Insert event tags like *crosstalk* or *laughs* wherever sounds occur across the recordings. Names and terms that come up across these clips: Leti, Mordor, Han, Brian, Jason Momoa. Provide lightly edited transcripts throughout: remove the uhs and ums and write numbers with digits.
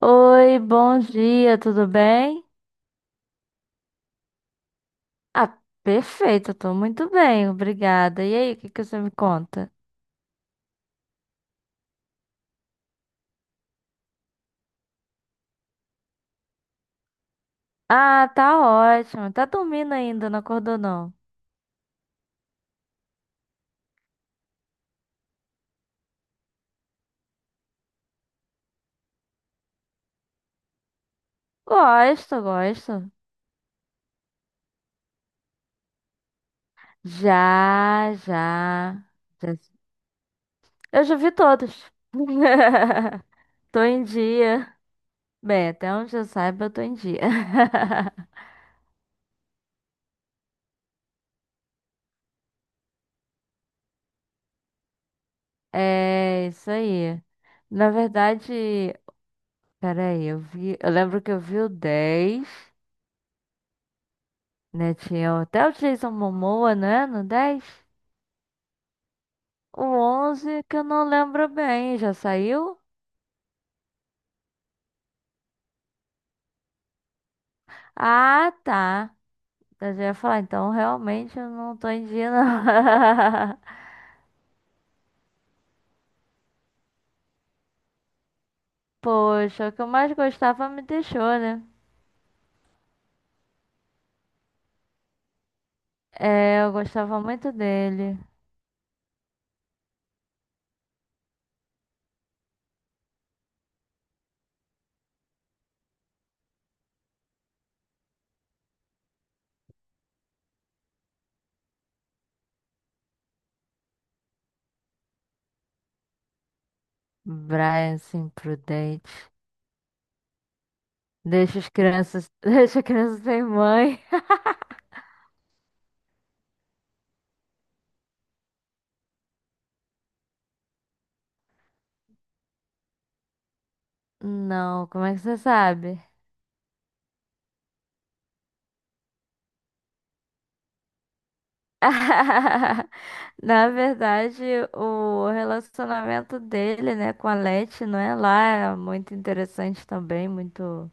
Oi, bom dia, tudo bem? Ah, perfeito, tô muito bem, obrigada. E aí, o que que você me conta? Ah, tá ótimo. Tá dormindo ainda, não acordou não? Gosto, gosto. Já, já, já. Eu já vi todos. *laughs* Tô em dia. Bem, até onde eu saiba, eu tô em dia. *laughs* É isso aí. Na verdade, peraí, eu vi, eu lembro que eu vi o 10. Né? Tinha até o Jason Momoa, né? No 10, o 11 que eu não lembro bem, já saiu? Ah, tá. Então, eu já ia falar, então realmente eu não tô em dia, não. *laughs* Poxa, o que eu mais gostava me deixou, né? É, eu gostava muito dele. Brian, assim, prudente. Deixa as crianças. *laughs* Deixa as crianças sem mãe. *laughs* Não, como é que você sabe? *laughs* Na verdade, o relacionamento dele, né, com a Leti, não é lá, é muito interessante também, muito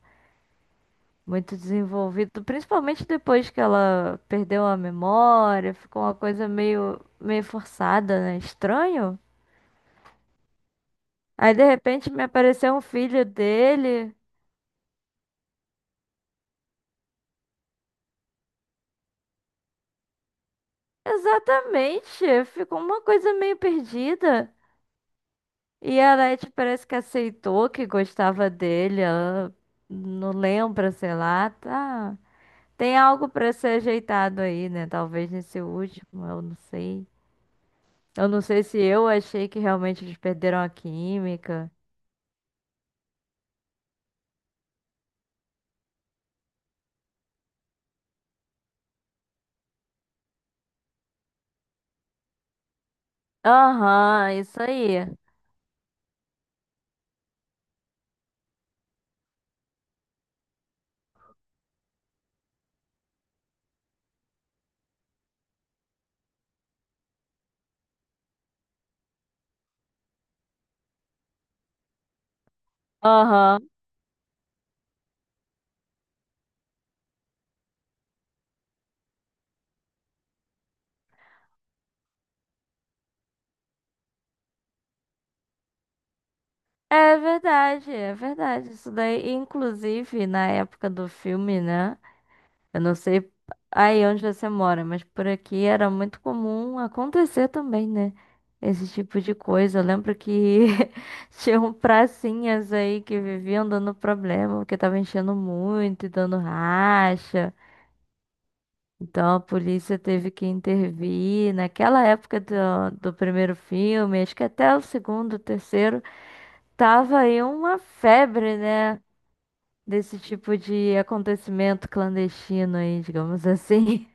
muito desenvolvido, principalmente depois que ela perdeu a memória, ficou uma coisa meio forçada, né? Estranho. Aí de repente me apareceu um filho dele. Exatamente, ficou uma coisa meio perdida. E a Leti parece que aceitou que gostava dele. Ela não lembra, sei lá. Tá. Tem algo pra ser ajeitado aí, né? Talvez nesse último, eu não sei. Eu não sei se eu achei que realmente eles perderam a química. Aham, isso aí. Aham. É verdade, é verdade. Isso daí, inclusive, na época do filme, né? Eu não sei aí onde você mora, mas por aqui era muito comum acontecer também, né? Esse tipo de coisa. Eu lembro que *laughs* tinham pracinhas aí que viviam dando problema, porque tava enchendo muito e dando racha. Então a polícia teve que intervir. Naquela época do, do primeiro filme, acho que até o segundo, terceiro, tava aí uma febre, né? Desse tipo de acontecimento clandestino aí, digamos assim.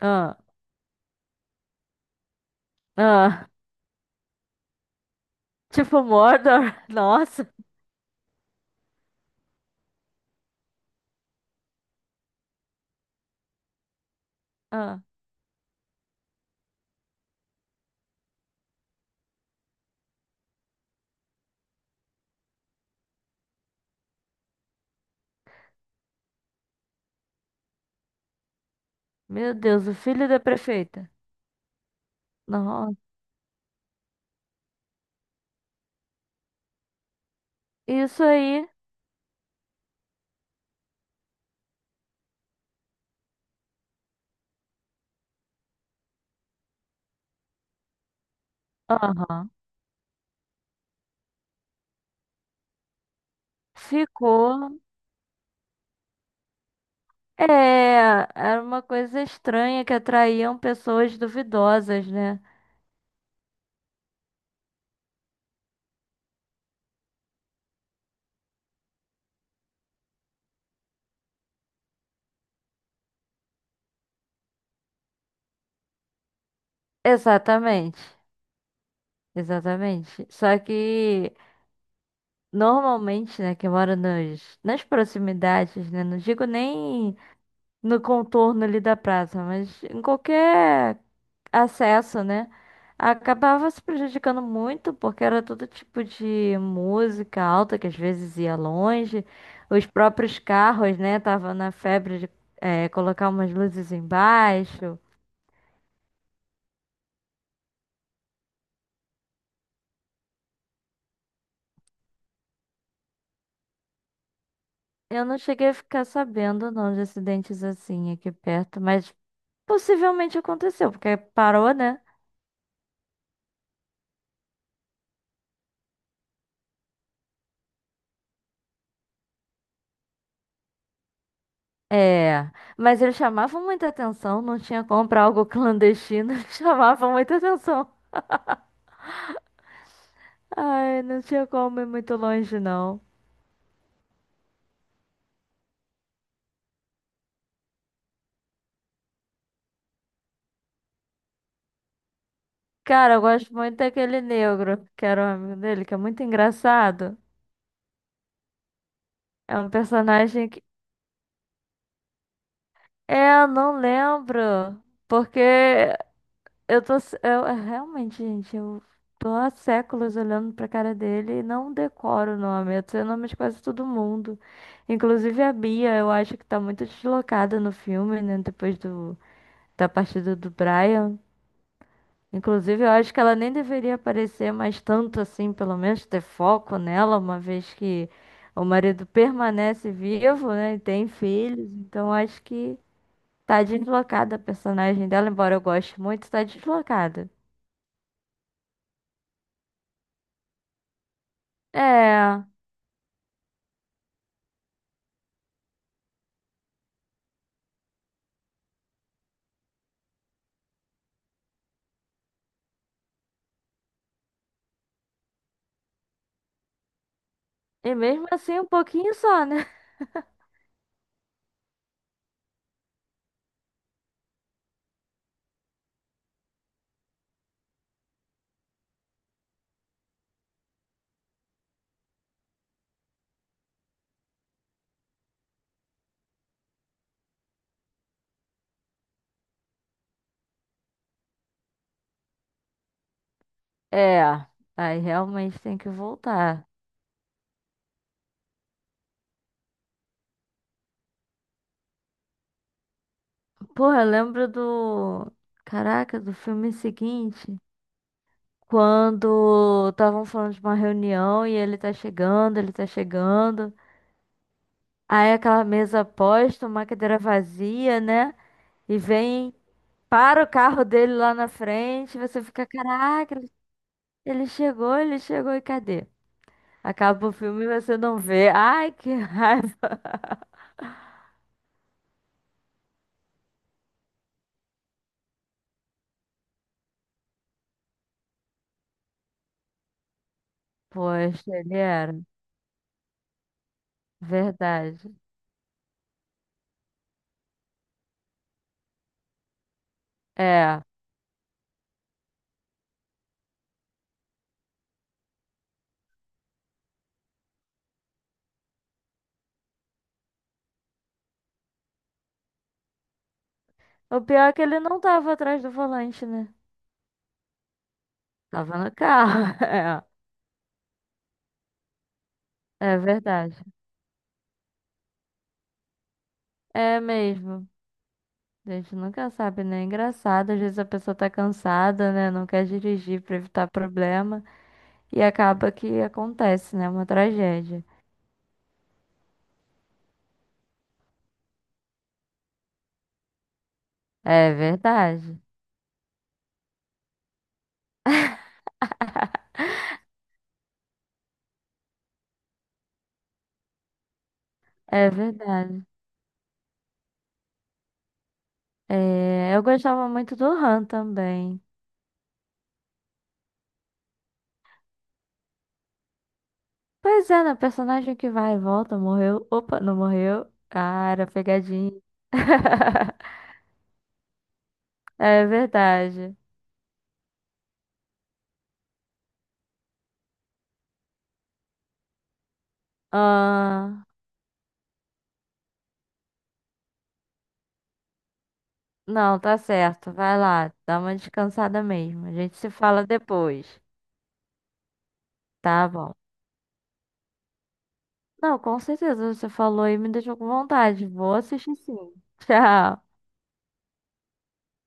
*laughs* Ah. Ah, tipo Mordor. *laughs* Nossa. Ah, meu Deus, o filho da prefeita. Nossa. Isso aí. Aham. Ficou. É, era uma coisa estranha que atraíam pessoas duvidosas, né? Exatamente. Exatamente. Só que normalmente, né, que mora nas proximidades, né? Não digo nem no contorno ali da praça, mas em qualquer acesso, né? Acabava se prejudicando muito, porque era todo tipo de música alta, que às vezes ia longe. Os próprios carros, né? Tava na febre de colocar umas luzes embaixo. Eu não cheguei a ficar sabendo, não, de acidentes assim aqui perto, mas possivelmente aconteceu, porque parou, né? É, mas eles chamavam muita atenção, não tinha como pra algo clandestino, *laughs* chamavam muita atenção. Ai, não tinha como ir muito longe, não. Cara, eu gosto muito daquele negro, que era um amigo dele, que é muito engraçado. É um personagem que. É, eu não lembro. Porque eu tô. Eu, é, realmente, gente, eu tô há séculos olhando pra cara dele e não decoro o nome. Eu sei o nome de quase todo mundo. Inclusive a Bia, eu acho que tá muito deslocada no filme, né? Depois do, da partida do Brian. Inclusive, eu acho que ela nem deveria aparecer mais tanto assim, pelo menos ter foco nela, uma vez que o marido permanece vivo, né, e tem filhos. Então, acho que tá deslocada a personagem dela, embora eu goste muito, tá deslocada. É, e mesmo assim um pouquinho só, né? *laughs* É, aí realmente tem que voltar. Porra, eu lembro do. Caraca, do filme seguinte. Quando estavam falando de uma reunião e ele tá chegando, ele tá chegando. Aí aquela mesa posta, uma cadeira vazia, né? E vem, para o carro dele lá na frente, e você fica, caraca, ele chegou, ele chegou e cadê? Acaba o filme e você não vê. Ai, que *laughs* raiva. Poxa, ele era. Verdade. É. O pior é que ele não tava atrás do volante, né? Tava no carro. *laughs* É, é verdade. É mesmo. A gente nunca sabe, né? É engraçado, às vezes a pessoa tá cansada, né? Não quer dirigir pra evitar problema e acaba que acontece, né? Uma tragédia. É verdade. *laughs* É verdade. É, eu gostava muito do Han também. Pois é, né? Personagem que vai e volta, morreu. Opa, não morreu. Ah, era pegadinha. *laughs* É verdade. Ah, não, tá certo. Vai lá, dá uma descansada mesmo. A gente se fala depois. Tá bom. Não, com certeza você falou e me deixou com vontade. Vou assistir sim. *laughs* Tchau.